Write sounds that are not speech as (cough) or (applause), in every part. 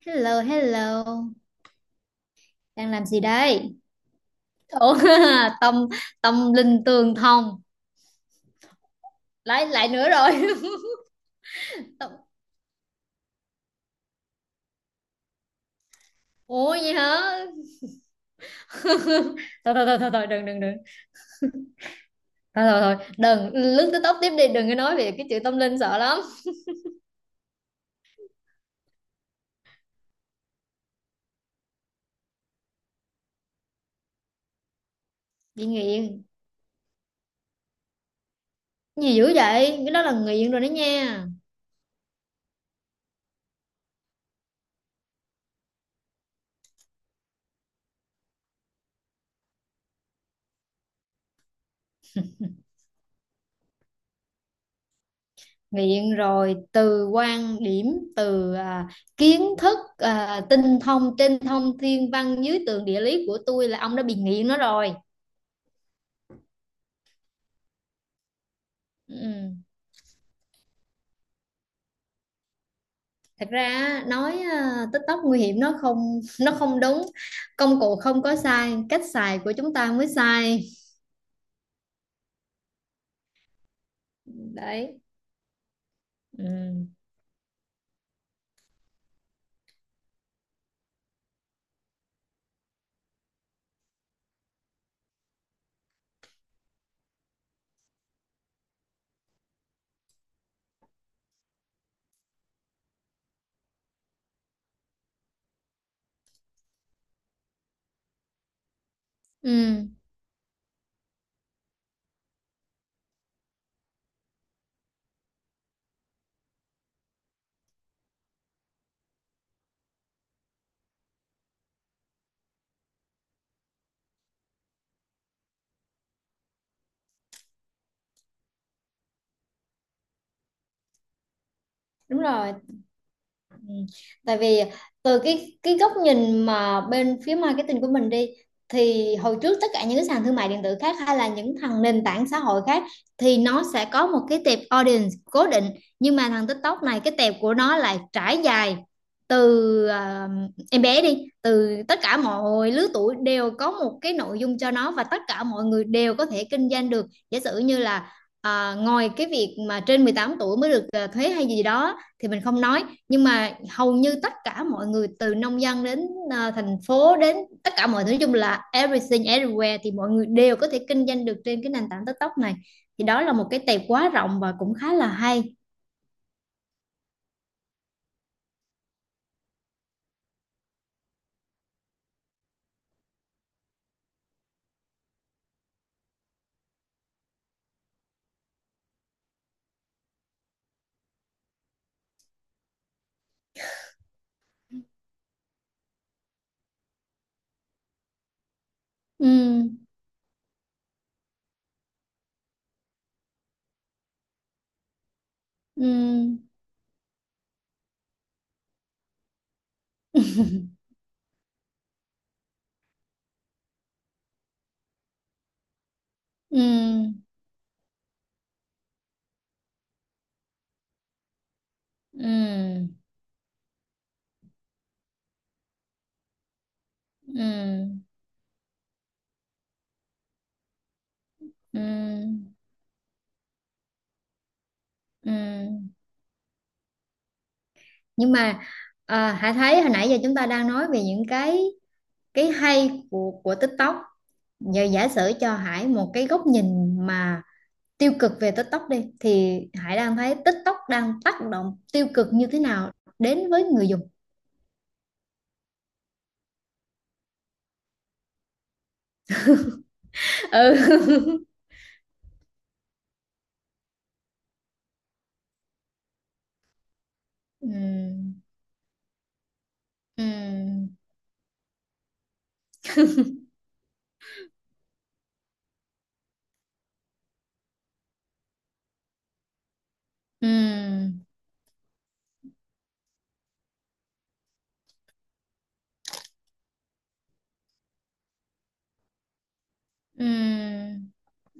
Hello, hello. Đang làm gì đây? Ủa, (laughs) tâm tâm linh tường thông. Lại lại nữa rồi. (laughs) Tông- Ủa vậy hả? (laughs) Thôi thôi thôi thôi thôi, đừng đừng đừng. Thôi thôi thôi, đừng lướt tới tóc tiếp đi, đừng có nói về cái chữ tâm linh sợ lắm. Bị nghiện. Gì dữ vậy? Cái đó là nghiện rồi đó nha. Nghiện rồi, từ quan điểm, từ kiến thức, tinh thông trên thông thiên văn dưới tường địa lý của tôi là ông đã bị nghiện nó rồi. Ừ. Thật ra nói tích tóc nguy hiểm nó không (laughs) nó không đúng. Công cụ không có sai, cách xài của chúng ta mới sai đấy. Ừ. Ừ, đúng rồi. Ừ. Tại vì từ cái góc nhìn mà bên phía marketing của mình đi, thì hồi trước tất cả những cái sàn thương mại điện tử khác hay là những thằng nền tảng xã hội khác thì nó sẽ có một cái tệp audience cố định, nhưng mà thằng TikTok này cái tệp của nó lại trải dài từ em bé đi, từ tất cả mọi lứa tuổi đều có một cái nội dung cho nó, và tất cả mọi người đều có thể kinh doanh được. Giả sử như là ngoài cái việc mà trên 18 tuổi mới được, thuế hay gì đó thì mình không nói, nhưng mà hầu như tất cả mọi người từ nông dân đến thành phố, đến tất cả mọi thứ, nói chung là everything everywhere, thì mọi người đều có thể kinh doanh được trên cái nền tảng TikTok này. Thì đó là một cái tệp quá rộng và cũng khá là hay. Ừ, ừ, ừ, ừ, ừ, ừ, ừ. Nhưng mà Hải thấy hồi nãy giờ chúng ta đang nói về những cái cái hay của TikTok. Giờ giả sử cho Hải một cái góc nhìn mà tiêu cực về TikTok đi, thì Hải đang thấy TikTok đang tác động tiêu cực như thế nào đến với người dùng? Ừ. (laughs) Ừm. Ừm. Ừm. Ừm.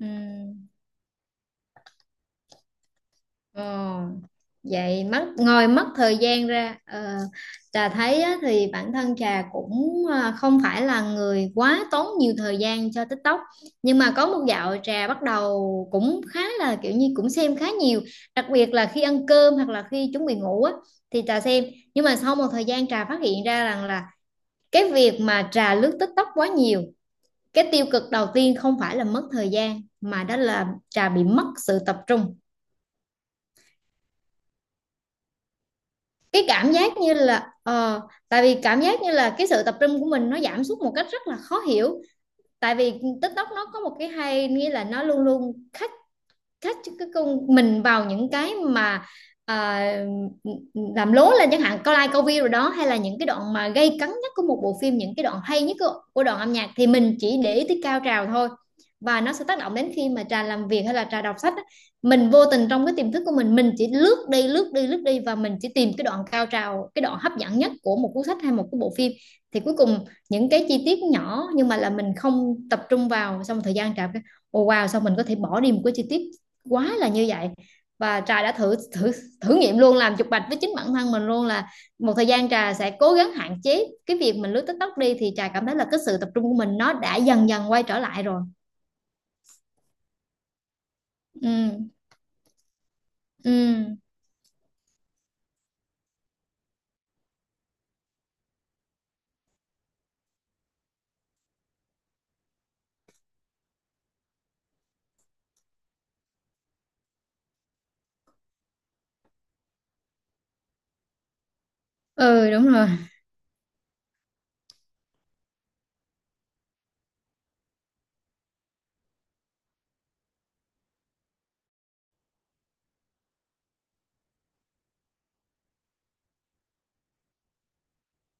Ừm. Ồ, vậy mất ngồi mất thời gian ra. Ờ, Trà thấy á, thì bản thân trà cũng không phải là người quá tốn nhiều thời gian cho TikTok, nhưng mà có một dạo trà bắt đầu cũng khá là kiểu như cũng xem khá nhiều, đặc biệt là khi ăn cơm hoặc là khi chuẩn bị ngủ á, thì trà xem. Nhưng mà sau một thời gian trà phát hiện ra rằng là cái việc mà trà lướt TikTok quá nhiều, cái tiêu cực đầu tiên không phải là mất thời gian mà đó là trà bị mất sự tập trung. Cái cảm giác như là tại vì cảm giác như là cái sự tập trung của mình nó giảm sút một cách rất là khó hiểu. Tại vì TikTok nó có một cái hay, nghĩa là nó luôn luôn khách, khách cái con mình vào những cái mà à, làm lố lên chẳng hạn, câu like câu view rồi đó, hay là những cái đoạn mà gây cấn nhất của một bộ phim, những cái đoạn hay nhất của đoạn âm nhạc, thì mình chỉ để ý tới cao trào thôi. Và nó sẽ tác động đến khi mà trà làm việc hay là trà đọc sách á, mình vô tình trong cái tiềm thức của mình chỉ lướt đi lướt đi lướt đi và mình chỉ tìm cái đoạn cao trào, cái đoạn hấp dẫn nhất của một cuốn sách hay một cái bộ phim. Thì cuối cùng những cái chi tiết nhỏ nhưng mà là mình không tập trung vào, xong thời gian trà cái Ồ wow, sao mình có thể bỏ đi một cái chi tiết quá là như vậy. Và trà đã thử thử thử nghiệm luôn, làm chụp bạch với chính bản thân mình luôn là một thời gian trà sẽ cố gắng hạn chế cái việc mình lướt TikTok đi, thì trà cảm thấy là cái sự tập trung của mình nó đã dần dần quay trở lại rồi. Ừ, ừ, ừ, đúng rồi.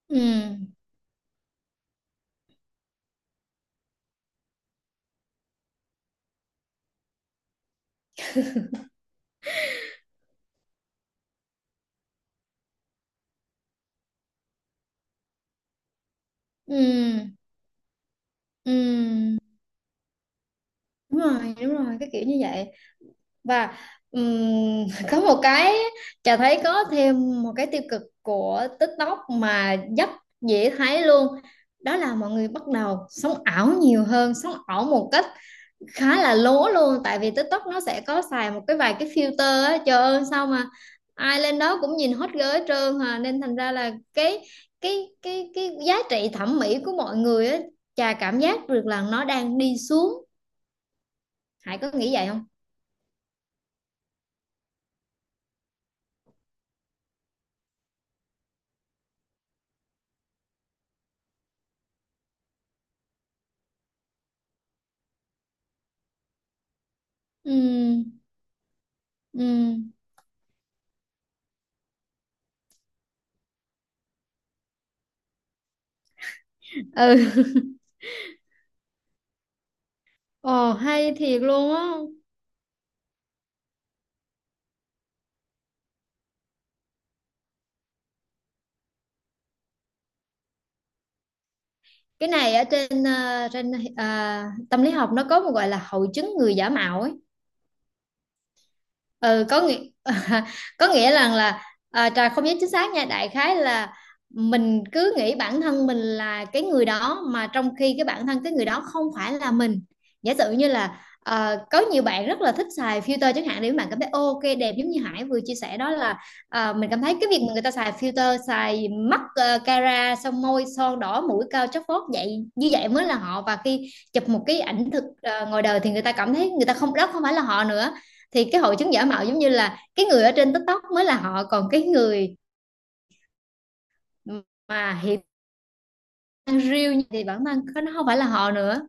Ừ, ừ, ừ, đúng rồi, đúng rồi, cái kiểu như vậy. Và (laughs) có một cái, Trà thấy có thêm một cái tiêu cực của TikTok mà rất dễ thấy luôn, đó là mọi người bắt đầu sống ảo nhiều hơn, sống ảo một cách khá là lố luôn. Tại vì TikTok nó sẽ có xài một cái, vài cái filter á, trời ơi sao mà ai lên đó cũng nhìn hot girl hết trơn hà, nên thành ra là cái giá trị thẩm mỹ của mọi người á, Trà cảm giác được là nó đang đi xuống. Hải có nghĩ vậy không? Ừ, ừ. Ừ. (laughs) Ồ hay thiệt luôn á. Cái này ở trên trên tâm lý học nó có một gọi là hội chứng người giả mạo ấy. Ừ, có nghĩa (laughs) có nghĩa rằng là trà không nhớ chính xác nha, đại khái là mình cứ nghĩ bản thân mình là cái người đó mà trong khi cái bản thân cái người đó không phải là mình. Giả sử như là có nhiều bạn rất là thích xài filter chẳng hạn, để các bạn cảm thấy "Ô, ok đẹp", giống như Hải vừa chia sẻ đó, là mình cảm thấy cái việc mà người ta xài filter xài mắt cara, xong môi son đỏ, mũi cao chóp phốt vậy, như vậy mới là họ, và khi chụp một cái ảnh thực ngoài đời thì người ta cảm thấy người ta không, đó không phải là họ nữa. Thì cái hội chứng giả mạo giống như là cái người ở trên TikTok mới là họ, còn cái người mà hiện đang real thì bản thân nó không phải là họ nữa.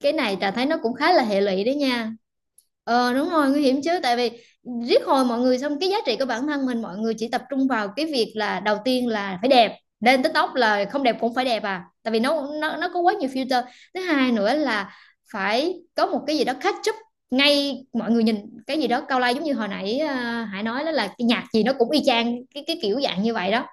Cái này Trà thấy nó cũng khá là hệ lụy đấy nha. Ờ, đúng rồi, nguy hiểm chứ, tại vì riết hồi mọi người, xong cái giá trị của bản thân mình, mọi người chỉ tập trung vào cái việc là đầu tiên là phải đẹp, lên TikTok là không đẹp cũng phải đẹp, à tại vì nó có quá nhiều filter. Thứ hai nữa là phải có một cái gì đó catch up ngay, mọi người nhìn cái gì đó cao lai, giống như hồi nãy Hải nói đó, là cái nhạc gì nó cũng y chang cái kiểu dạng như vậy đó.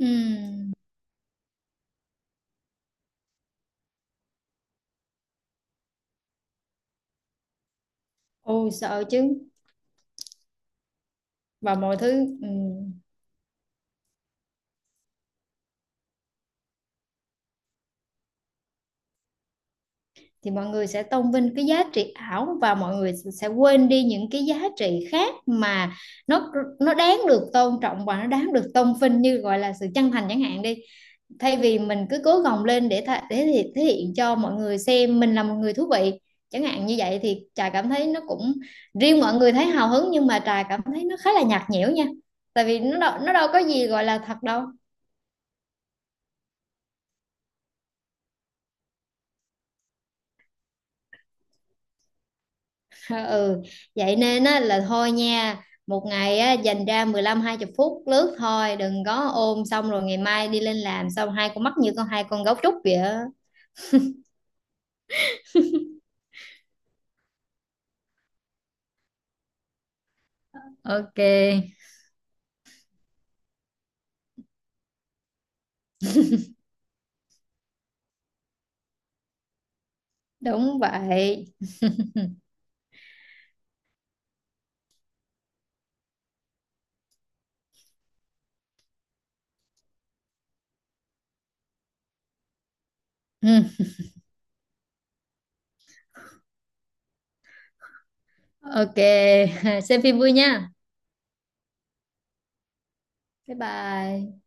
Ừm, ôi sợ chứ. Và mọi thứ. Ừ. Thì mọi người sẽ tôn vinh cái giá trị ảo, và mọi người sẽ quên đi những cái giá trị khác mà nó nó đáng được tôn trọng và nó đáng được tôn vinh, như gọi là sự chân thành chẳng hạn đi, thay vì mình cứ cố gồng lên để để thể hiện cho mọi người xem mình là một người thú vị, chẳng hạn như vậy. Thì trà cảm thấy nó cũng, riêng mọi người thấy hào hứng nhưng mà trà cảm thấy nó khá là nhạt nhẽo nha, tại vì nó đâu có gì gọi là thật đâu. Ờ, ừ, vậy nên á, là thôi nha, một ngày á, dành ra 15, hai 20 phút lướt thôi, đừng có ôm xong rồi ngày mai đi lên làm, xong hai con mắt như con, hai con gấu trúc vậy á. Ok, đúng vậy. Ừ. Ok. (laughs) Xem phim vui nha. Bye bye.